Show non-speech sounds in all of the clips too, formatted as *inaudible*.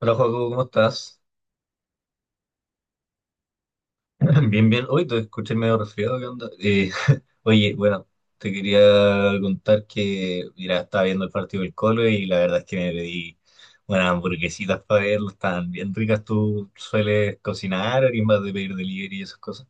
Hola, Joaco, ¿cómo estás? *laughs* Bien, bien. Hoy te escuché medio resfriado, ¿qué onda? *laughs* Oye, bueno, te quería contar que, mira, estaba viendo el partido del Colo y la verdad es que me pedí unas hamburguesitas para verlo, estaban bien ricas. ¿Tú sueles cocinar, eres más de pedir delivery y esas cosas?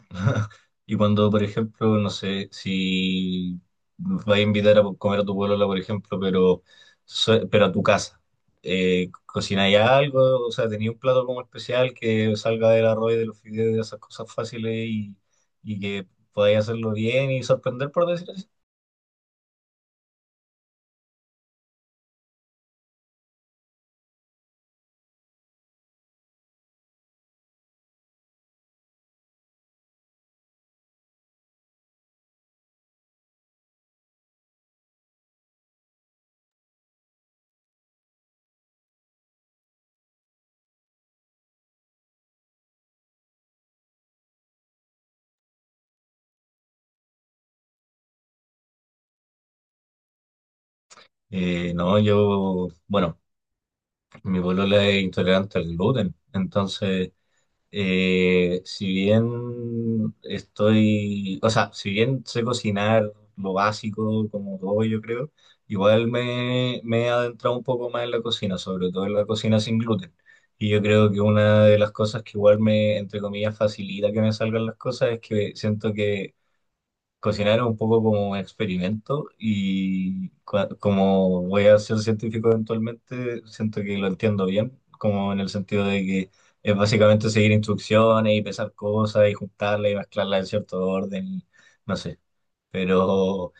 *laughs* Y cuando, por ejemplo, no sé, si vas a invitar a comer a tu pueblo, por ejemplo, pero, pero a tu casa, ¿cocináis algo? O sea, ¿tenéis un plato como especial que salga del arroz y de los fideos, de esas cosas fáciles y que podáis hacerlo bien y sorprender, por decir así? No, yo, bueno, mi polola es intolerante al gluten, entonces. Si bien estoy, o sea, si bien sé cocinar lo básico como todo, yo creo, igual me he adentrado un poco más en la cocina, sobre todo en la cocina sin gluten. Y yo creo que una de las cosas que igual me, entre comillas, facilita que me salgan las cosas es que siento que cocinar es un poco como un experimento y como voy a ser científico eventualmente, siento que lo entiendo bien, como en el sentido de que es básicamente seguir instrucciones y pesar cosas y juntarlas y mezclarlas en cierto orden, y no sé, pero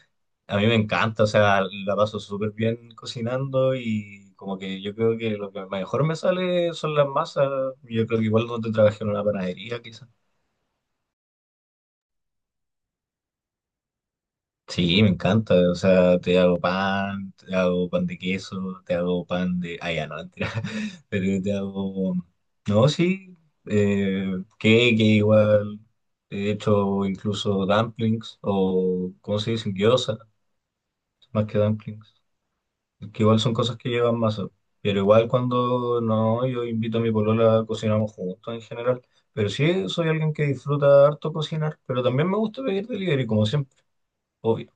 a mí me encanta, o sea, la paso súper bien cocinando y como que yo creo que lo que mejor me sale son las masas, yo creo que igual donde trabajé en una panadería quizás. Sí, me encanta. O sea, te hago pan de queso, te hago pan de... Ah, ya, no, mentira. *laughs* Pero te hago... No, sí. Eh, cake igual. He hecho incluso dumplings o, ¿cómo se dicen? Gyoza, más que dumplings. Que igual son cosas que llevan masa. Pero igual cuando no, yo invito a mi polola, cocinamos juntos en general. Pero sí, soy alguien que disfruta harto cocinar, pero también me gusta pedir delivery, como siempre. Obvio.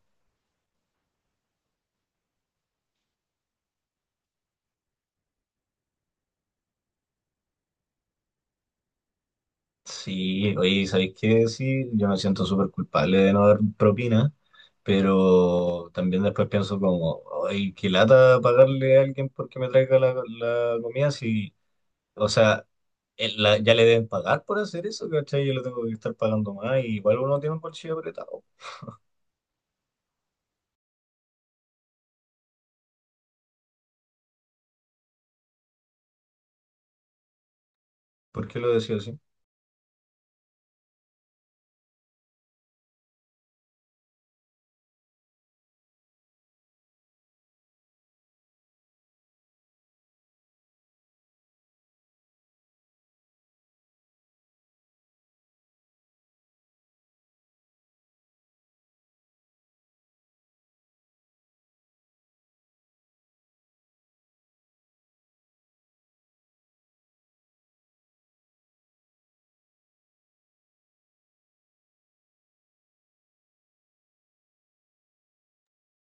Sí, oye, ¿sabéis qué? Sí, yo me siento súper culpable de no dar propina, pero también después pienso como, ay, qué lata pagarle a alguien porque me traiga la comida, si, o sea, ya le deben pagar por hacer eso, ¿cachai? Yo lo tengo que estar pagando más, y igual uno tiene un bolsillo apretado. ¿Por qué lo decía así?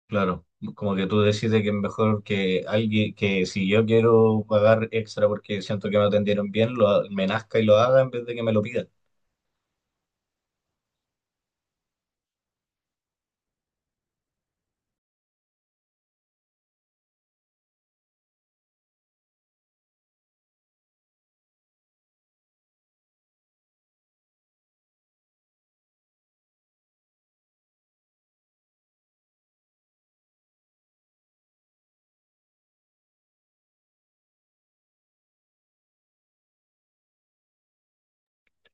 Claro, como que tú decides que es mejor que alguien, que si yo quiero pagar extra porque siento que me atendieron bien, lo, me nazca y lo haga en vez de que me lo pida.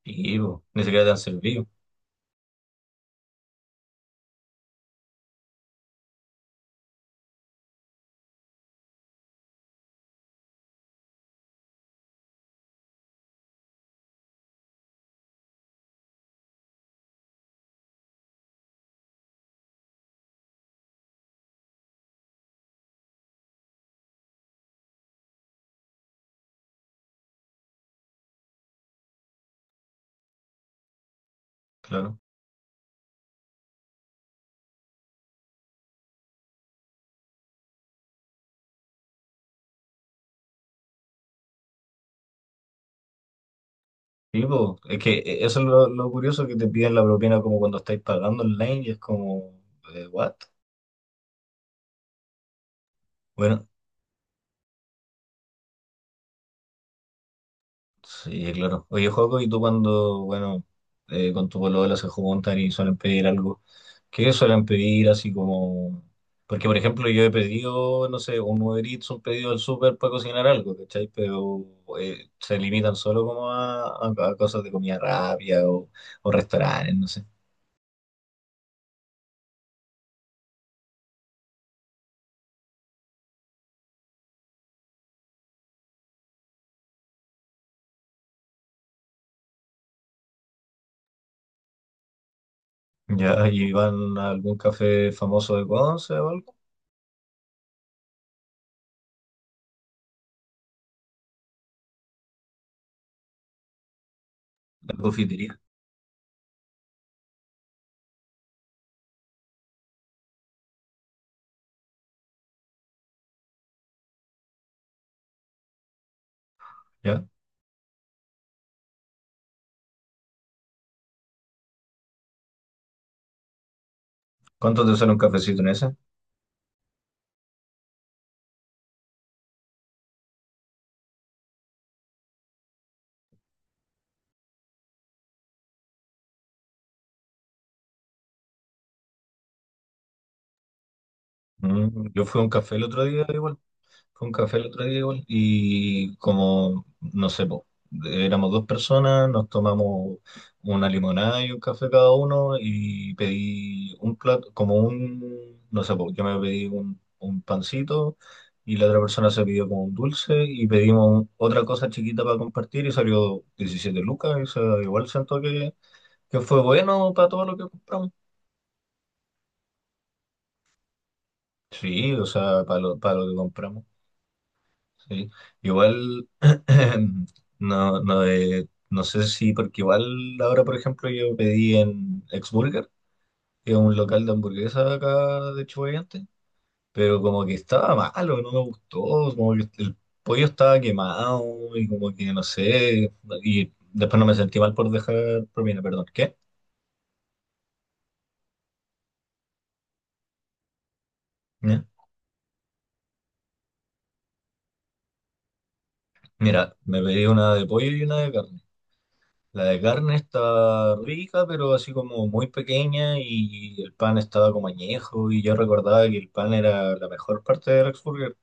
Sí, po, ni siquiera te han servido, claro. Sí, po, es que eso es lo curioso, que te piden la propina como cuando estáis pagando online y es como, ¿what? Bueno, sí, claro. Oye, Joaco, y tú cuando, bueno, con tu polola se juntan y suelen pedir algo, ¿qué suelen pedir así como...? Porque, por ejemplo, yo he pedido, no sé, un Uber Eats, un pedido del súper para cocinar algo, ¿cachai? Pero se limitan solo como a, a cosas de comida rápida o restaurantes, no sé. ¿Ya? ¿Y van a algún café famoso de Conce o algo? ¿La confitería? ¿Ya? ¿Cuánto te sale un cafecito en ese? Mm, yo fui a un café el otro día igual. Con café el otro día igual, y como, no sé, po, éramos dos personas, nos tomamos una limonada y un café cada uno y pedí un plato, como un, no sé, po, yo me pedí un pancito y la otra persona se pidió como un dulce y pedimos otra cosa chiquita para compartir y salió 17 lucas, y se igual siento que fue bueno para todo lo que compramos. Sí, o sea, para lo que compramos. Sí. Igual, *clears throat* no, no, no sé si, porque igual ahora, por ejemplo, yo pedí en Exburger, que es un local de hamburguesa acá de Chubaiante, pero como que estaba malo, no me gustó, como que el pollo estaba quemado y como que no sé, y después no me sentí mal por dejar propina, perdón, ¿qué? ¿Ya? Mira, me pedí una de pollo y una de carne. La de carne está rica, pero así como muy pequeña y el pan estaba como añejo y yo recordaba que el pan era la mejor parte del Rex Burger.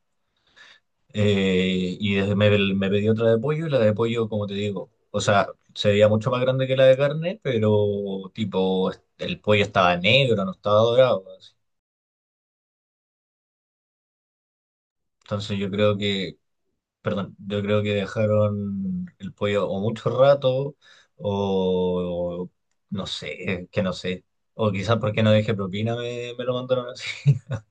Y desde me pedí otra de pollo y la de pollo, como te digo, o sea, se veía mucho más grande que la de carne, pero tipo, el pollo estaba negro, no estaba dorado. Así. Entonces yo creo que... Perdón, yo creo que dejaron el pollo o mucho rato, o no sé, que no sé. O quizás porque no dejé propina me lo mandaron así. *laughs*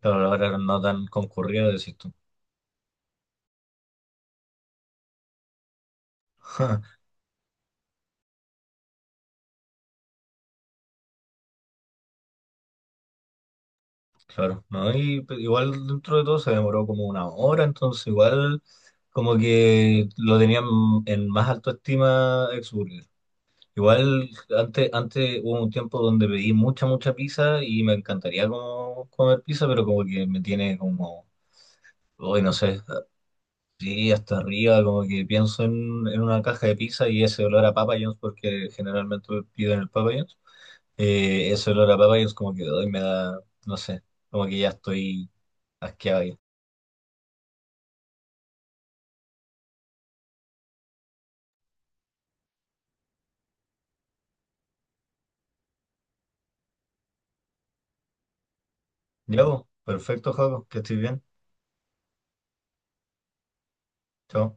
Pero ahora no tan concurrido, decís tú. *laughs* Claro, ¿no? Y pues, igual dentro de todo se demoró como una hora, entonces igual como que lo tenían en más alta estima Exburger. Igual antes, antes hubo un tiempo donde pedí mucha, mucha pizza y me encantaría como comer pizza, pero como que me tiene como... Hoy no sé, así hasta arriba, como que pienso en una caja de pizza y ese olor a Papa John's, porque generalmente pido en el Papa John's, ese olor a Papa John's como que hoy me da, no sé, como que ya estoy asqueado ahí. Ya, pues, perfecto, Jaco, que estoy bien. Chao.